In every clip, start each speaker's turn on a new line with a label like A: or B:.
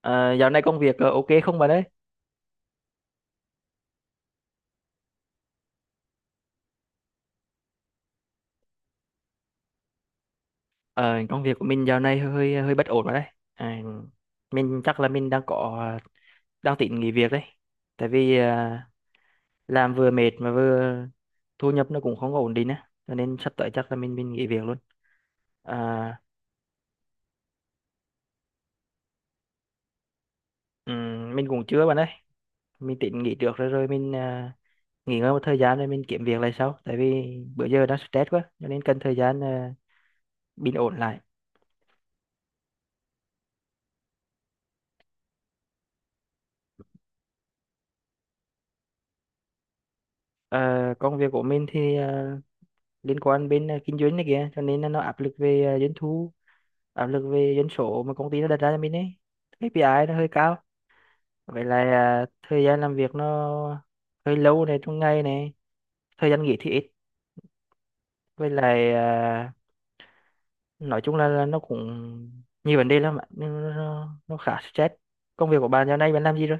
A: Ờ, Dạo này công việc ok không bà đấy? Ờ, Công việc của mình dạo này hơi hơi bất ổn rồi đấy. À, mình chắc là mình đang có đang tính nghỉ việc đấy. Tại vì làm vừa mệt mà vừa thu nhập nó cũng không có ổn định á, cho nên sắp tới chắc là mình nghỉ việc luôn. À, mình cũng chưa bạn ơi. Mình tính nghỉ trước rồi rồi mình nghỉ ngơi một thời gian rồi mình kiếm việc lại sau. Tại vì bữa giờ đang stress quá, cho nên cần thời gian bình ổn lại. Ờ, Công việc của mình thì liên quan bên kinh doanh này kìa, cho nên là nó áp lực về doanh thu, áp lực về doanh số mà công ty nó đặt ra cho mình ấy. KPI nó hơi cao. Vậy là à, thời gian làm việc nó hơi lâu này, trong ngày này thời gian nghỉ thì ít, với lại à, nói chung là, nó cũng nhiều vấn đề lắm ạ. Nó khá stress. Công việc của bạn giờ này bạn làm gì rồi?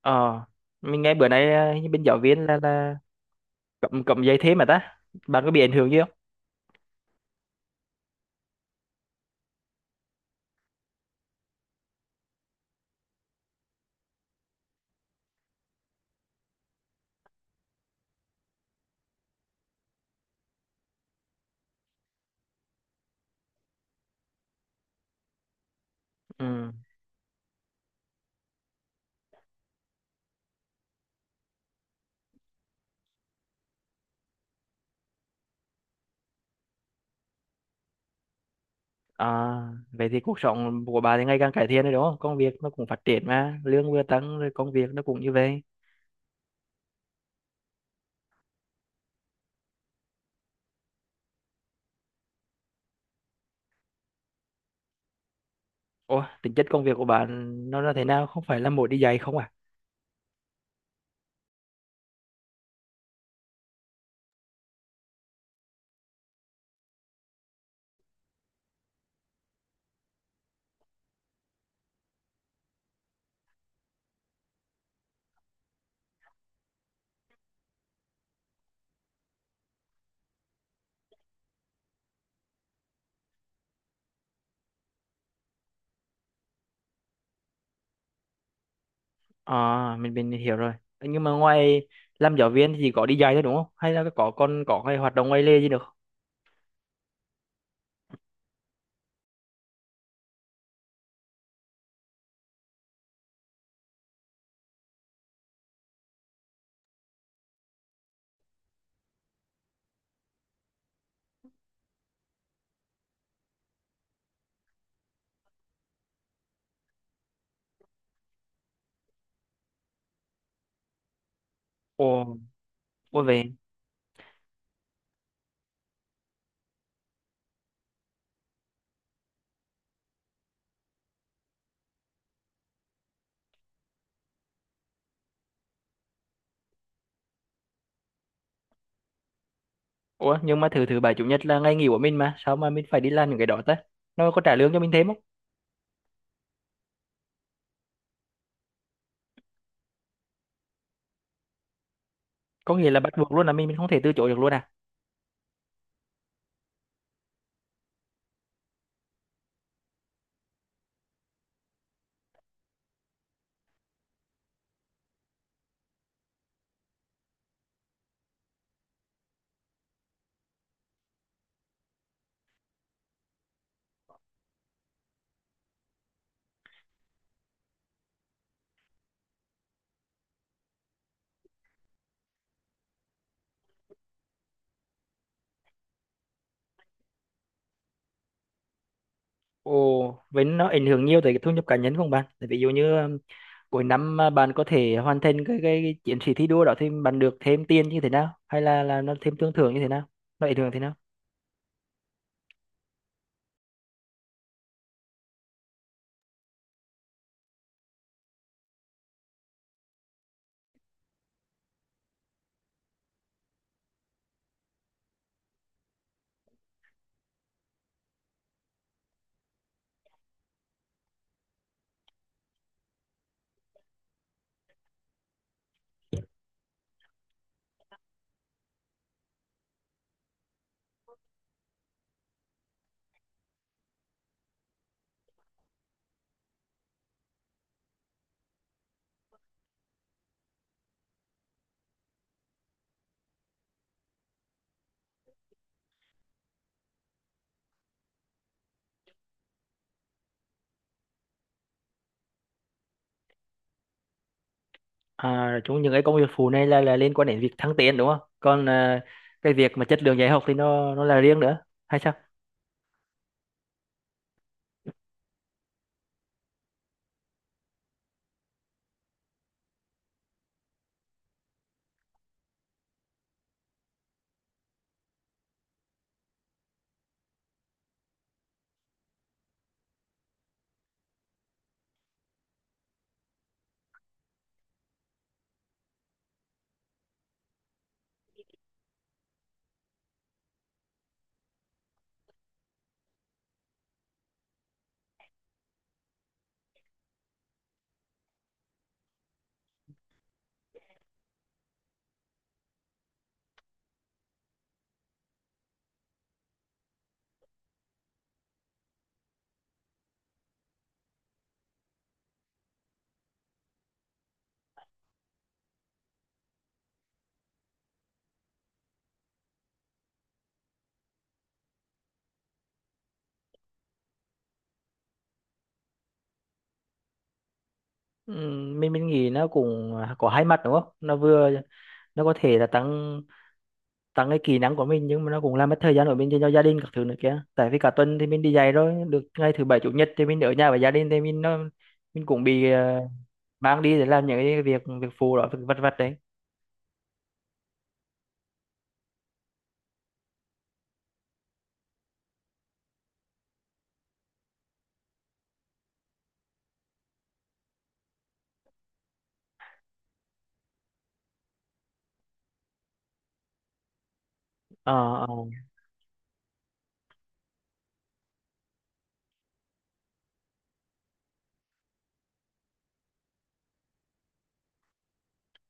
A: Ờ, mình nghe bữa nay à, như bên giáo viên là cầm cầm giấy thế mà ta, bạn có bị ảnh hưởng gì không? Ừ. À, vậy thì cuộc sống của bà thì ngày càng cải thiện rồi đúng không? Công việc nó cũng phát triển mà, lương vừa tăng rồi công việc nó cũng như vậy. Ủa, tính chất công việc của bạn nó là thế nào? Không phải là mỗi đi dạy không à? À, mình hiểu rồi. Nhưng mà ngoài làm giáo viên thì chỉ có đi dạy thôi đúng không? Hay là có còn có cái hoạt động ngoài lề gì được? Ồ, ủa về. Ủa, nhưng mà thứ thứ bảy chủ nhật là ngày nghỉ của mình mà, sao mà mình phải đi làm những cái đó ta? Nó có trả lương cho mình thêm không? Có nghĩa là bắt buộc luôn là mình không thể từ chối được luôn à? Ồ, vậy nó ảnh hưởng nhiều tới cái thu nhập cá nhân của bạn. Tại ví dụ như cuối năm mà bạn có thể hoàn thành cái chiến sĩ thi đua đó thì bạn được thêm tiền như thế nào? Hay là nó thêm tương thưởng như thế nào? Nó ảnh hưởng thế nào? À, chúng những cái công việc phụ này là liên quan đến việc thăng tiến đúng không? Còn à, cái việc mà chất lượng dạy học thì nó là riêng nữa hay sao? Mình nghĩ nó cũng à, có hai mặt đúng không? Nó vừa nó có thể là tăng tăng cái kỹ năng của mình, nhưng mà nó cũng làm mất thời gian của mình dành cho gia đình các thứ nữa kia. Tại vì cả tuần thì mình đi dạy rồi, được ngày thứ bảy chủ nhật thì mình ở nhà với gia đình thì mình nó mình cũng bị mang đi để làm những cái việc việc phụ đó, việc vặt vặt đấy. Ờ, ờ.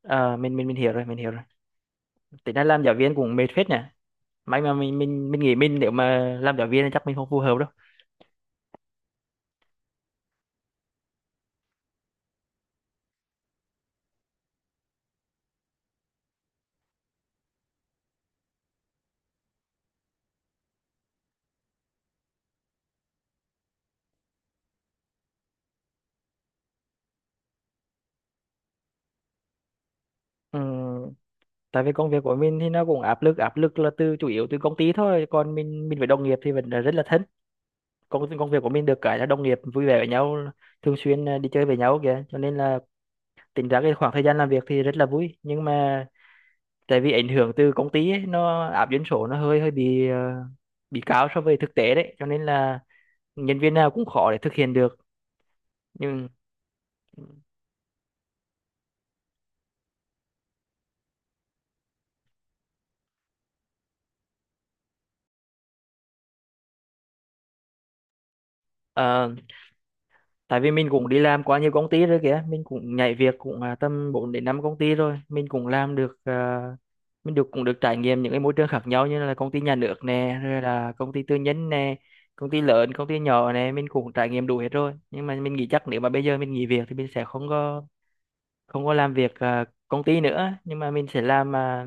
A: Ờ, mình hiểu rồi, mình hiểu rồi. Tính ra làm giáo viên cũng mệt phết nhỉ. May mà mình nghĩ mình nếu mà làm giáo viên thì chắc mình không phù hợp đâu. Ừ, tại vì công việc của mình thì nó cũng áp lực, áp lực là từ chủ yếu từ công ty thôi, còn mình với đồng nghiệp thì vẫn là rất là thân. Công công việc của mình được cái là đồng nghiệp vui vẻ với nhau, thường xuyên à, đi chơi với nhau kìa, cho nên là tính ra cái khoảng thời gian làm việc thì rất là vui. Nhưng mà tại vì ảnh hưởng từ công ty ấy, nó áp doanh số nó hơi hơi bị bị cao so với thực tế đấy, cho nên là nhân viên nào cũng khó để thực hiện được. Nhưng à, tại vì mình cũng đi làm quá nhiều công ty rồi kìa, mình cũng nhảy việc cũng à, tầm 4 đến 5 công ty rồi. Mình cũng làm được à, mình được trải nghiệm những cái môi trường khác nhau, như là công ty nhà nước nè, rồi là công ty tư nhân nè, công ty lớn công ty nhỏ nè, mình cũng trải nghiệm đủ hết rồi. Nhưng mà mình nghĩ chắc nếu mà bây giờ mình nghỉ việc thì mình sẽ không có làm việc à, công ty nữa, nhưng mà mình sẽ làm à,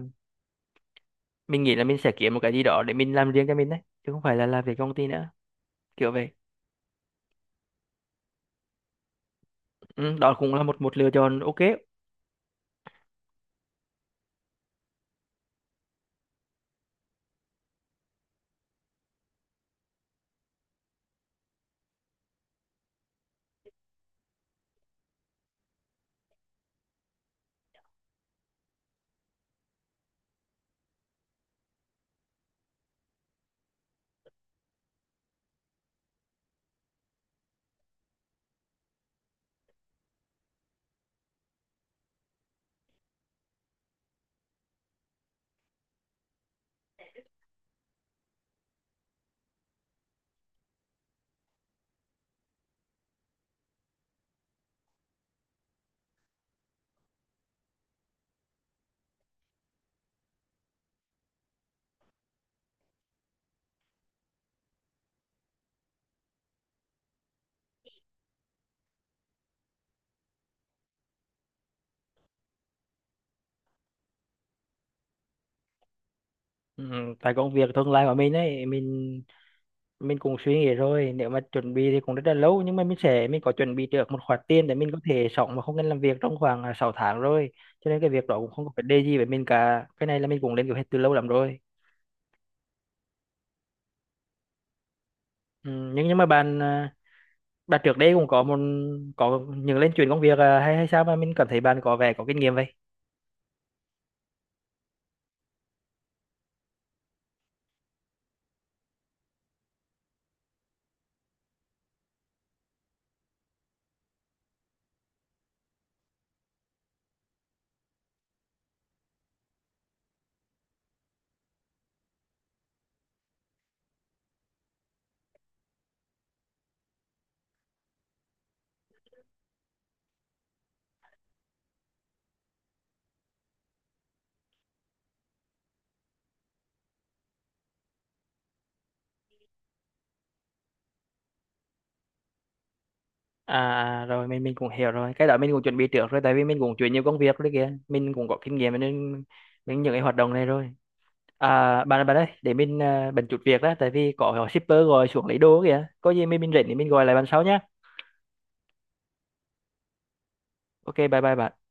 A: mình nghĩ là mình sẽ kiếm một cái gì đó để mình làm riêng cho mình đấy, chứ không phải là làm việc công ty nữa, kiểu vậy. Ừ, đó cũng là một một lựa chọn ok. Ừ, tại công việc tương lai của mình ấy, mình cũng suy nghĩ rồi. Nếu mà chuẩn bị thì cũng rất là lâu, nhưng mà mình có chuẩn bị được một khoản tiền để mình có thể sống mà không cần làm việc trong khoảng à, 6 tháng rồi, cho nên cái việc đó cũng không có vấn đề gì với mình cả. Cái này là mình cũng lên kế hoạch từ lâu lắm rồi. Ừ, nhưng mà bạn à, bạn trước đây cũng có một có những lên chuyển công việc à, hay hay sao mà mình cảm thấy bạn có vẻ có kinh nghiệm vậy? À, à, rồi mình cũng hiểu rồi. Cái đó mình cũng chuẩn bị trước rồi, tại vì mình cũng chuyển nhiều công việc rồi kìa, mình cũng có kinh nghiệm nên mình những cái hoạt động này rồi. À, bạn bạn ơi, để mình à, bận chút việc đó, tại vì có shipper gọi xuống lấy đồ kìa. Có gì mình rảnh thì mình gọi lại bạn sau nhá. Ok, bye bye bạn.